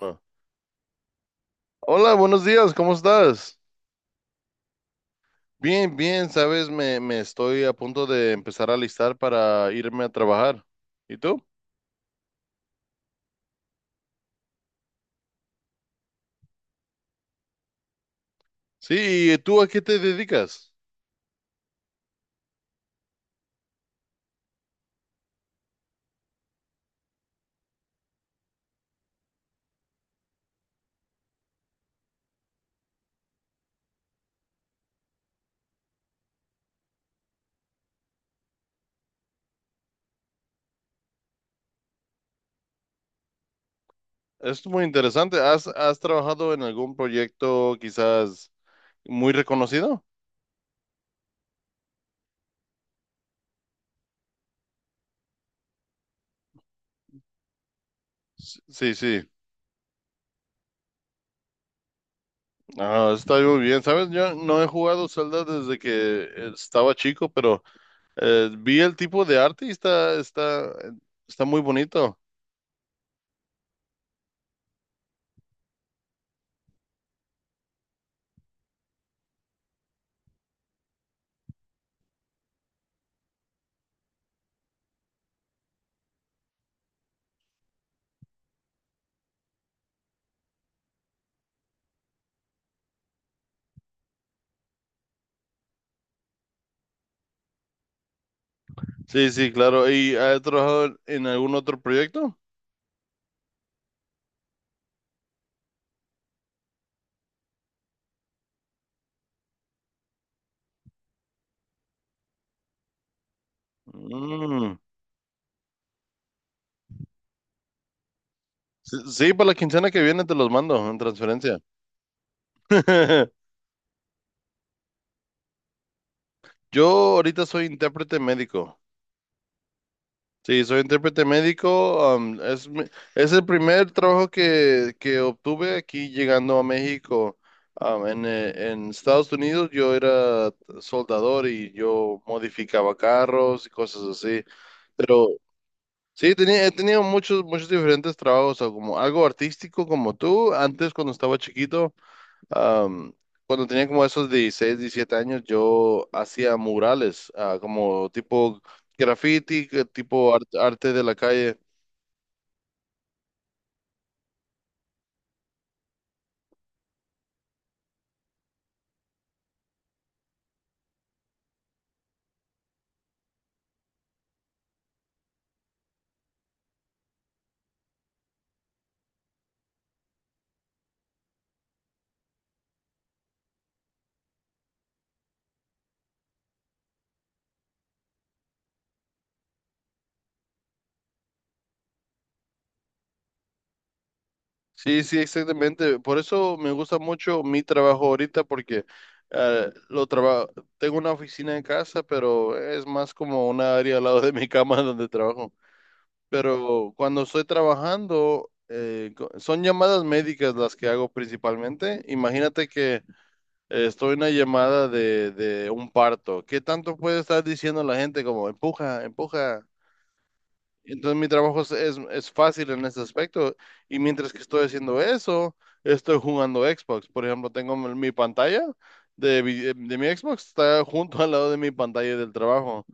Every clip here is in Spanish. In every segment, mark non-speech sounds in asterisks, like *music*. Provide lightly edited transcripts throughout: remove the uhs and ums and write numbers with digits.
Ah. Hola, buenos días, ¿cómo estás? Bien, bien, sabes, me estoy a punto de empezar a alistar para irme a trabajar. ¿Y tú? Sí, ¿y tú a qué te dedicas? Es muy interesante. ¿Has trabajado en algún proyecto quizás muy reconocido? Sí, sí. Ah, está muy bien. Sabes, yo no he jugado Zelda desde que estaba chico, pero vi el tipo de arte y está muy bonito. Sí, sí, claro. ¿Y has trabajado en algún otro proyecto? Mm. Sí, sí, para la quincena que viene te los mando en transferencia. *laughs* Yo ahorita soy intérprete médico. Sí, soy intérprete médico. Es el primer trabajo que obtuve aquí llegando a México. En Estados Unidos yo era soldador y yo modificaba carros y cosas así. Pero sí, he tenido muchos, muchos diferentes trabajos, o como algo artístico como tú. Antes, cuando estaba chiquito, am, cuando tenía como esos 16, 17 años, yo hacía murales, ah, como tipo graffiti, que tipo arte de la calle. Sí, sí, exactamente. Por eso me gusta mucho mi trabajo ahorita, porque eh, lo traba- tengo una oficina en casa, pero es más como una área al lado de mi cama *laughs* donde trabajo. Pero cuando estoy trabajando, son llamadas médicas las que hago principalmente. Imagínate que estoy en una llamada de un parto. ¿Qué tanto puede estar diciendo la gente como empuja, empuja? Entonces mi trabajo es fácil en ese aspecto. Y mientras que estoy haciendo eso, estoy jugando Xbox. Por ejemplo, tengo mi pantalla de mi Xbox, está junto al lado de mi pantalla del trabajo.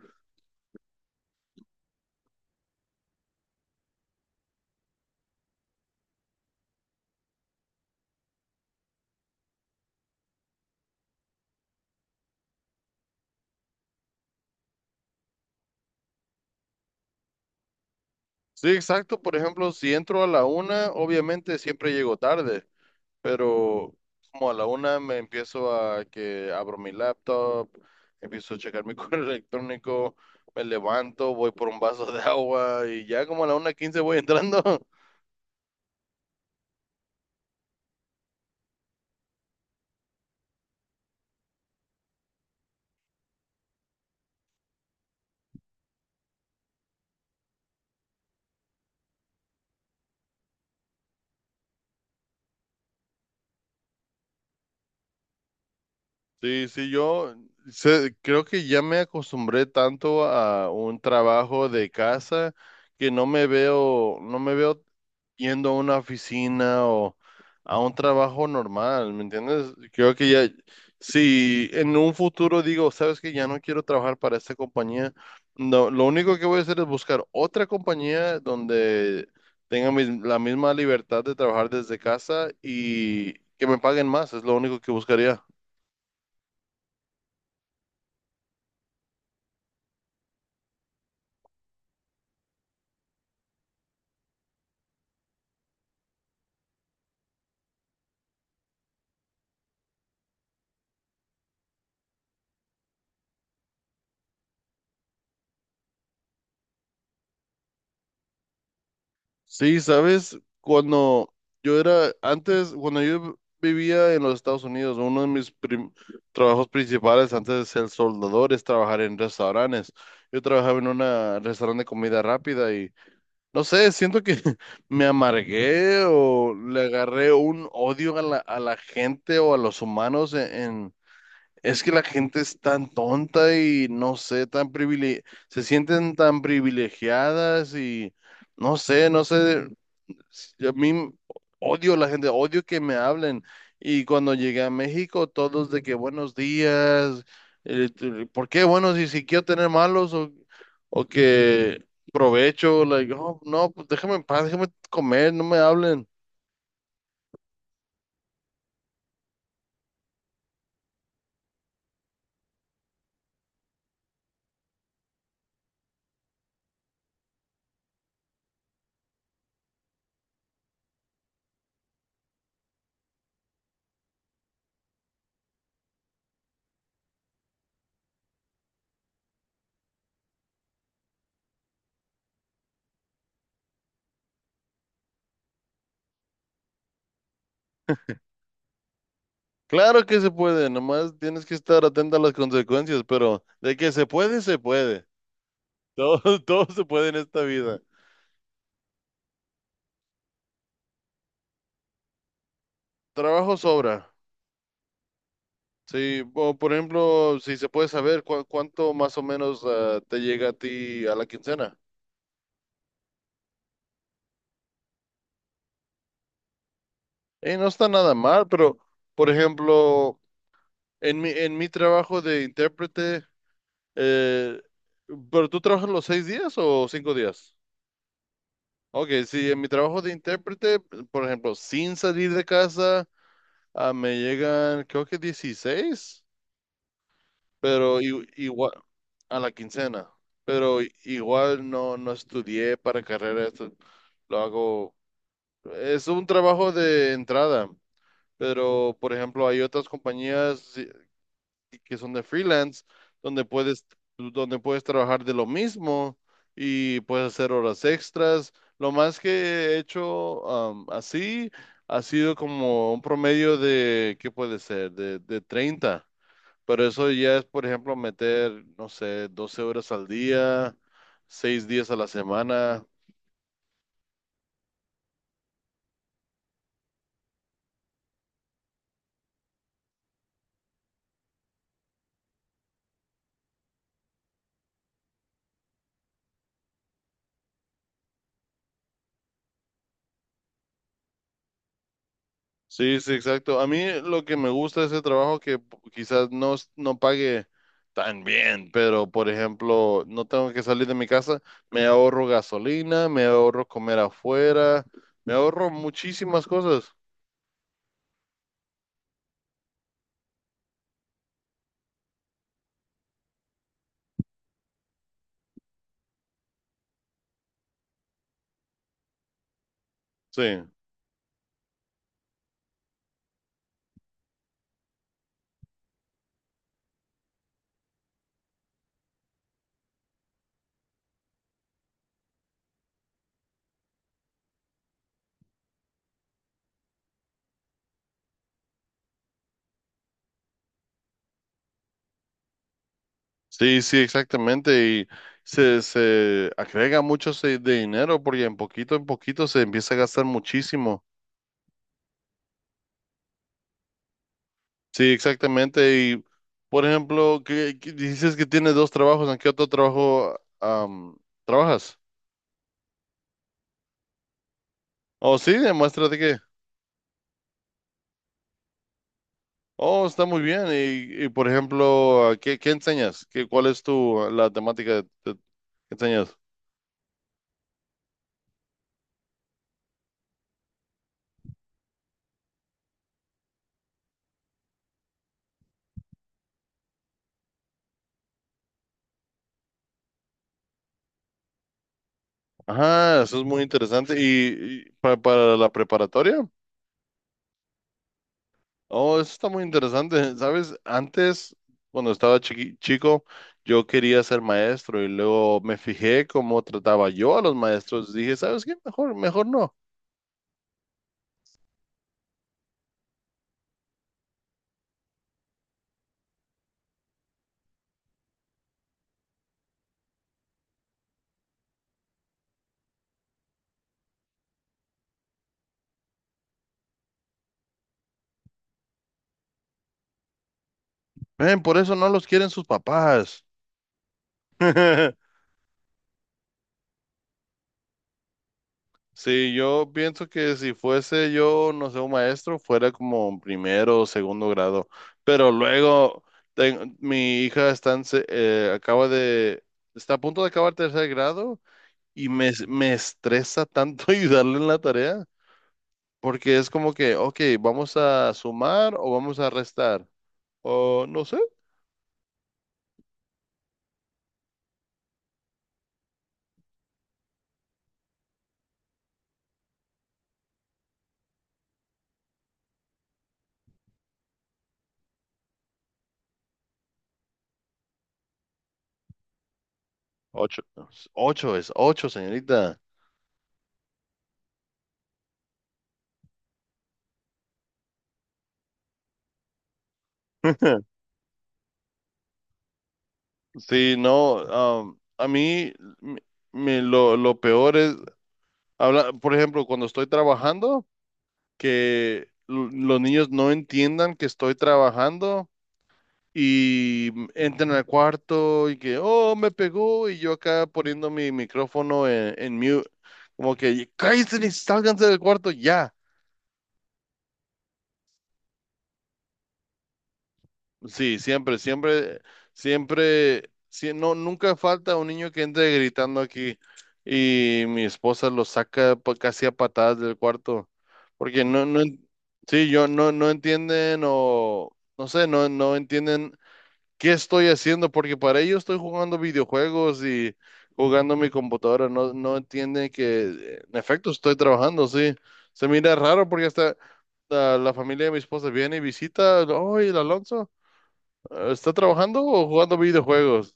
Sí, exacto. Por ejemplo, si entro a la una, obviamente siempre llego tarde, pero como a la una me empiezo a que abro mi laptop, empiezo a checar mi *laughs* correo electrónico, me levanto, voy por un vaso de agua y ya como a la una quince voy entrando. Sí, sí, creo que ya me acostumbré tanto a un trabajo de casa que no me veo yendo a una oficina o a un trabajo normal, ¿me entiendes? Creo que ya, si en un futuro digo, sabes que ya no quiero trabajar para esta compañía, no, lo único que voy a hacer es buscar otra compañía donde tenga la misma libertad de trabajar desde casa y que me paguen más, es lo único que buscaría. Sí, sabes, cuando cuando yo vivía en los Estados Unidos, uno de mis trabajos principales antes de ser soldador es trabajar en restaurantes. Yo trabajaba en una restaurante de comida rápida y no sé, siento que *laughs* me amargué o le agarré un odio a a la gente o a los humanos Es que la gente es tan tonta y no sé, se sienten tan privilegiadas y... No sé, no sé. Yo a mí odio a la gente, odio que me hablen. Y cuando llegué a México, todos de que buenos días, ¿por qué buenos? Y si quiero tener malos o que provecho, like, "Oh, no, pues déjame en paz, déjame comer, no me hablen." Claro que se puede, nomás tienes que estar atento a las consecuencias, pero de que se puede, se puede. Todo, *laughs* todo se puede en esta vida. Trabajo sobra. Sí, o por ejemplo, si se puede saber cuánto más o menos te llega a ti a la quincena. No está nada mal, pero por ejemplo, en mi trabajo de intérprete, eh, ¿pero tú trabajas los seis días o cinco días? Ok, sí, en mi trabajo de intérprete, por ejemplo, sin salir de casa, ah, me llegan creo que 16. Pero igual a la quincena, pero igual no, no estudié para carrera, esto lo hago, es un trabajo de entrada, pero por ejemplo hay otras compañías que son de freelance donde puedes, donde puedes trabajar de lo mismo y puedes hacer horas extras. Lo más que he hecho así ha sido como un promedio de, ¿qué puede ser? De 30, pero eso ya es, por ejemplo, meter, no sé, 12 horas al día, 6 días a la semana. Sí, sí, exacto. A mí lo que me gusta de ese trabajo que p- quizás no, es- no pague tan bien, pero por ejemplo, no tengo que salir de mi casa, me ahorro gasolina, me ahorro comer afuera, me ahorro muchísimas cosas. Sí, sí, sí, exactamente. Y se agrega mucho ese de dinero porque en poquito se empieza a gastar muchísimo. Sí, exactamente. Y, por ejemplo, que dices que tienes dos trabajos, ¿en qué otro trabajo trabajas? Oh, sí, demuéstrate que. Oh, está muy bien. Y, por ejemplo, ¿qué, qué enseñas? ¿Cuál es la temática que enseñas? Ajá, eso es muy interesante. ¿Y, para, la preparatoria? Oh, eso está muy interesante. ¿Sabes? Antes, cuando estaba chico, yo quería ser maestro y luego me fijé cómo trataba yo a los maestros. Dije, ¿sabes qué? Mejor, mejor no. Ven, por eso no los quieren sus papás. *laughs* Sí, yo pienso que si fuese yo, no sé, un maestro, fuera como primero o segundo grado. Pero luego, mi hija está en está a punto de acabar tercer grado y me estresa tanto *laughs* ayudarle en la tarea, porque es como que, ok, vamos a sumar o vamos a restar, o no sé, ocho, ocho es ocho, señorita. *laughs* Sí, no, a mí me, me lo peor es, habla, por ejemplo, cuando estoy trabajando, que los niños no entiendan que estoy trabajando y entran al cuarto y que, oh, me pegó y yo acá poniendo mi micrófono en mute, como que, cállate y sálganse del cuarto ya. Sí, siempre, siempre, siempre, sí, no, nunca falta un niño que entre gritando aquí y mi esposa lo saca casi a patadas del cuarto, porque sí, yo no, no entienden o, no sé, no entienden. ¿Qué estoy haciendo? Porque para ello estoy jugando videojuegos y jugando mi computadora. No, no entienden que en efecto estoy trabajando, sí. Se mira raro porque hasta la familia de mi esposa viene y visita. Oye, el Alonso, ¿está trabajando o jugando videojuegos?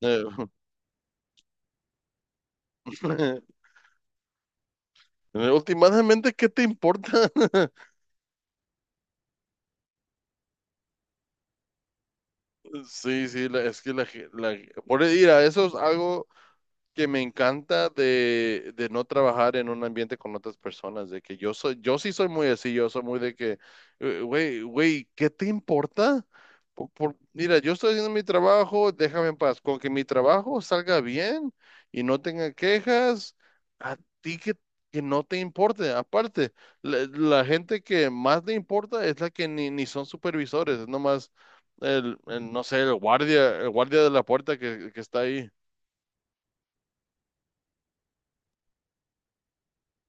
Eh, *laughs* últimamente, ¿qué te importa? *laughs* Sí, sí, la- es que la, ge- la- por ir a eso es algo que me encanta de no trabajar en un ambiente con otras personas, de que yo soy, yo sí soy muy así, yo soy muy de que, güey, güey, ¿qué te importa? Mira, yo estoy haciendo mi trabajo, déjame en paz, con que mi trabajo salga bien y no tenga quejas, a ti que no te importe, aparte, la gente que más le importa es la que ni son supervisores, es nomás no sé, el guardia de la puerta que está ahí.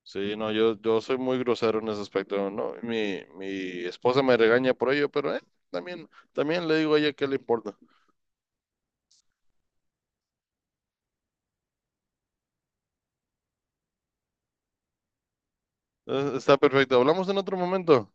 Sí, no, yo soy muy grosero en ese aspecto, ¿no? Mi esposa me regaña por ello, pero también, también le digo a ella que le importa. Está perfecto. Hablamos en otro momento.